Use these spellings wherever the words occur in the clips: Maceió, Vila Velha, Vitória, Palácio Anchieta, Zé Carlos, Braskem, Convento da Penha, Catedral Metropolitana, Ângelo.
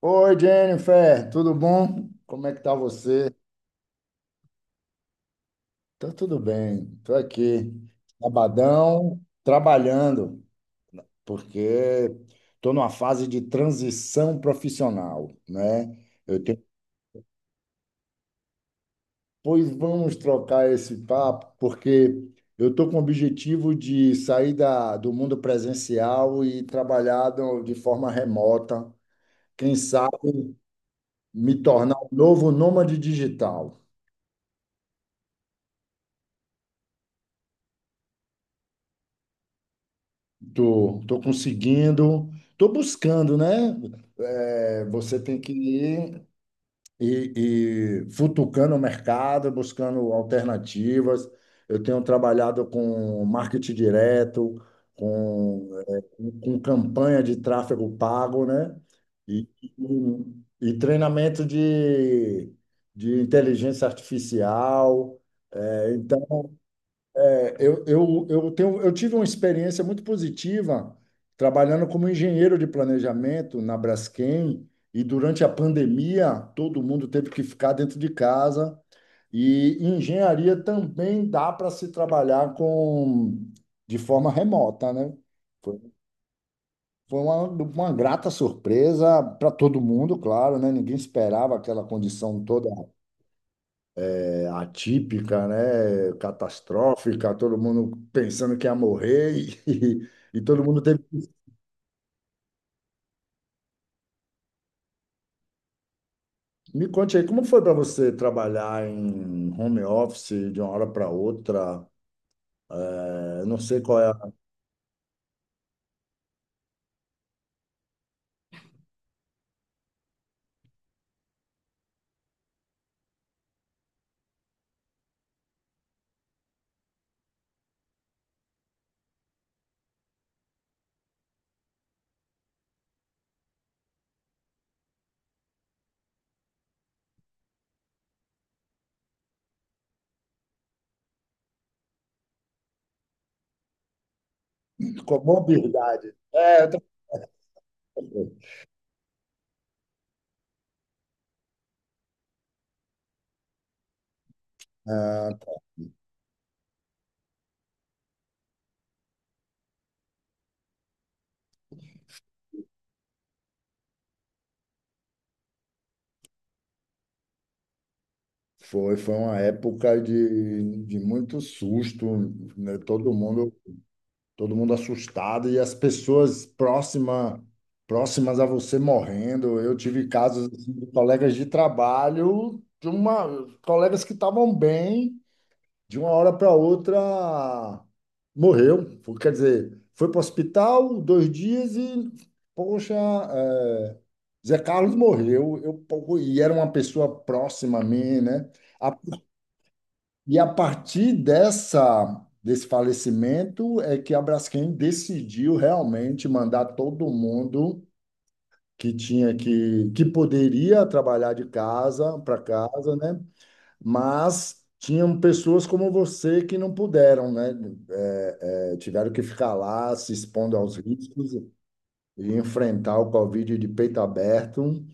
Oi, Jennifer, tudo bom? Como é que tá você? Tá tudo bem, tô aqui, sabadão, trabalhando, porque tô numa fase de transição profissional, né? Eu tenho... Pois vamos trocar esse papo, porque eu tô com o objetivo de sair do mundo presencial e trabalhar de forma remota, quem sabe me tornar um novo nômade digital. Tô conseguindo, tô buscando, né? É, você tem que ir e futucando o mercado, buscando alternativas. Eu tenho trabalhado com marketing direto, com campanha de tráfego pago, né? E treinamento de inteligência artificial. é, eu tenho, eu tive uma experiência muito positiva trabalhando como engenheiro de planejamento na Braskem, e durante a pandemia todo mundo teve que ficar dentro de casa, e em engenharia também dá para se trabalhar com de forma remota, né? Foi, foi uma grata surpresa para todo mundo, claro, né? Ninguém esperava aquela condição toda, é, atípica, né? Catastrófica, todo mundo pensando que ia morrer e todo mundo teve. Me conte aí, como foi para você trabalhar em home office de uma hora para outra? É, eu não sei qual é a comorbidade. É, eu também. Ah, tá. Foi uma época de muito susto, né? Todo mundo assustado e as próximas a você morrendo. Eu tive casos assim, de colegas de trabalho, colegas que estavam bem, de uma hora para outra morreu. Quer dizer, foi para o hospital dois dias e, poxa, é, Zé Carlos morreu. Eu, pô, e era uma pessoa próxima a mim, né? E a partir desse falecimento é que a Braskem decidiu realmente mandar todo mundo que que poderia trabalhar de casa para casa, né? Mas tinham pessoas como você que não puderam, né? Tiveram que ficar lá se expondo aos riscos e enfrentar o Covid de peito aberto.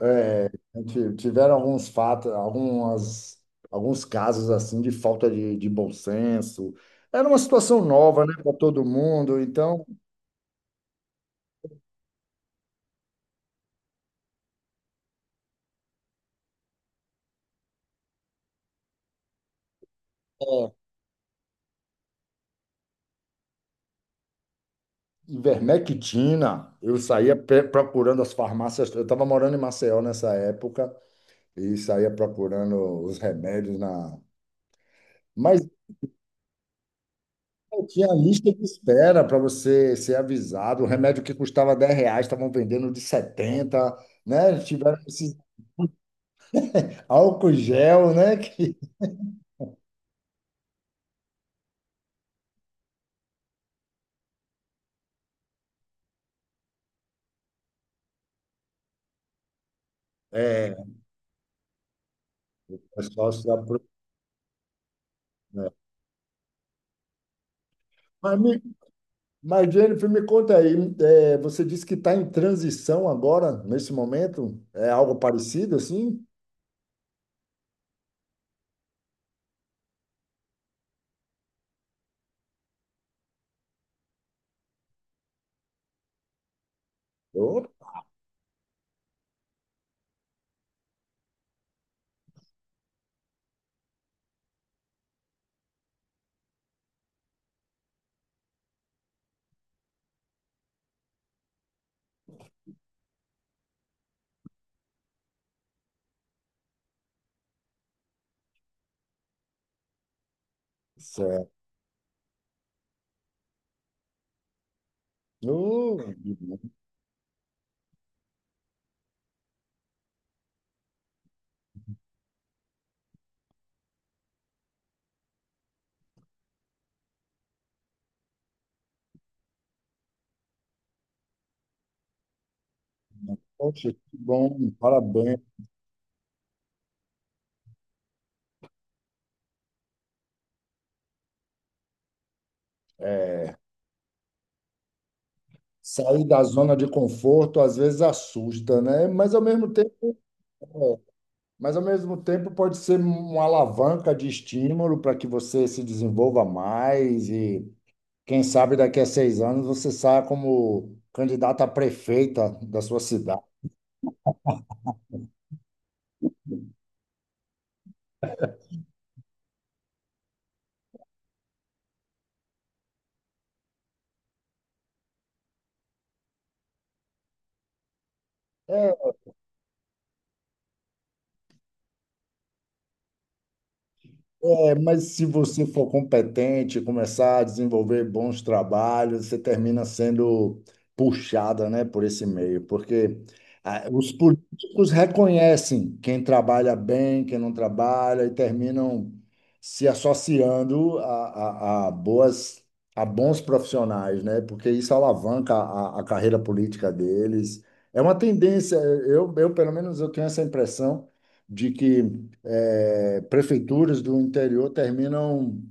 É, tiveram alguns alguns casos assim de falta de bom senso. Era uma situação nova, né, para todo mundo. Então, é, ivermectina, eu saía procurando as farmácias. Eu estava morando em Maceió nessa época e saía procurando os remédios na. Mas pô, tinha lista de espera para você ser avisado. O remédio que custava R$ 10 estavam vendendo de 70, né? Tiveram esses álcool gel, né? É, é sócio da. Pro- né? Mas, me, mas, Jennifer, me conta aí, é, você disse que está em transição agora, nesse momento? É algo parecido assim? Ô, certo. Ô, poxa, que bom, parabéns. Sair da zona de conforto às vezes assusta, né? Mas ao mesmo tempo pode ser uma alavanca de estímulo para que você se desenvolva mais e quem sabe daqui a 6 anos você saia como candidata a prefeita da sua cidade. É, é, mas se você for competente, começar a desenvolver bons trabalhos, você termina sendo puxada, né, por esse meio, porque ah, os políticos reconhecem quem trabalha bem, quem não trabalha, e terminam se associando a a bons profissionais, né, porque isso alavanca a carreira política deles. É uma tendência, eu pelo menos eu tenho essa impressão de que é, prefeituras do interior terminam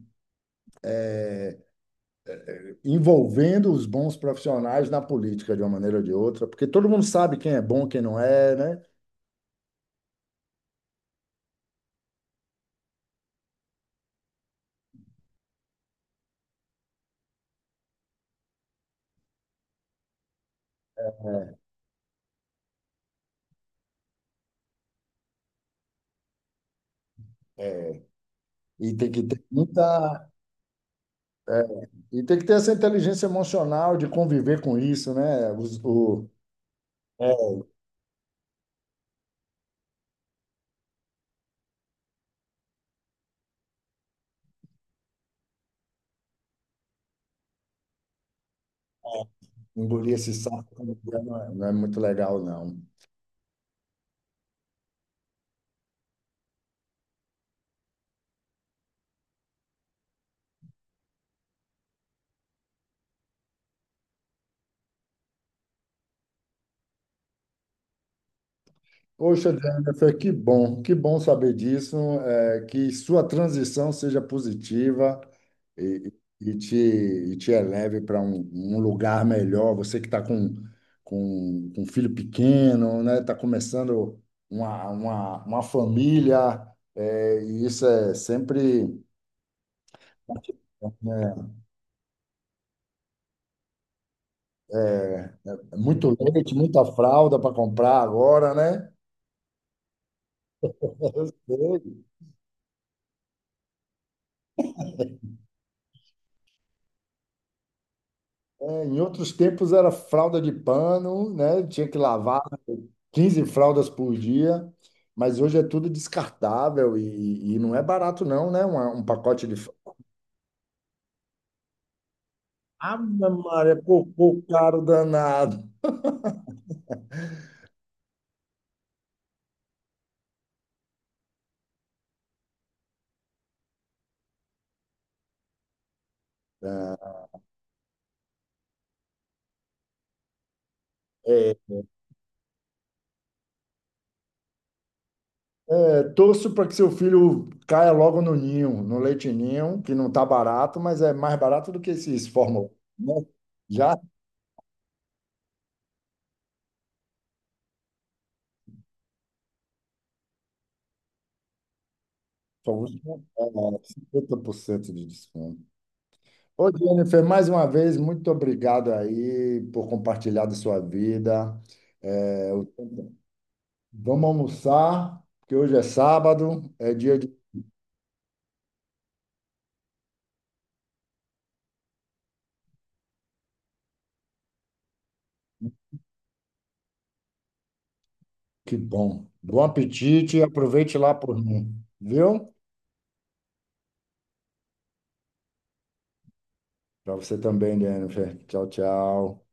envolvendo os bons profissionais na política de uma maneira ou de outra, porque todo mundo sabe quem é bom, quem não é, né? É, e tem que ter muita, é, e tem que ter essa inteligência emocional de conviver com isso, né? É, engolir esse sapo não é, não é muito legal, não. Poxa, Jennifer, que bom saber disso, é, que sua transição seja positiva e, e te eleve para um, um lugar melhor. Você que está com um filho pequeno, né? Está começando uma família, é, e isso é sempre né, muito leite, muita fralda para comprar agora, né? É, em outros tempos era fralda de pano, né? Tinha que lavar 15 fraldas por dia, mas hoje é tudo descartável e não é barato não, né? Um, pacote de fralda. Ave Maria, cocô caro danado. É, é, torço para que seu filho caia logo no ninho, no leite ninho, que não tá barato, mas é mais barato do que esses fórmula, né? Já só vou- por cento de desconto. Ô, Jennifer, mais uma vez, muito obrigado aí por compartilhar da sua vida. Vamos almoçar, porque hoje é sábado, é dia de que bom. Bom apetite e aproveite lá por mim, viu? Para você também, Jennifer. Tchau, tchau.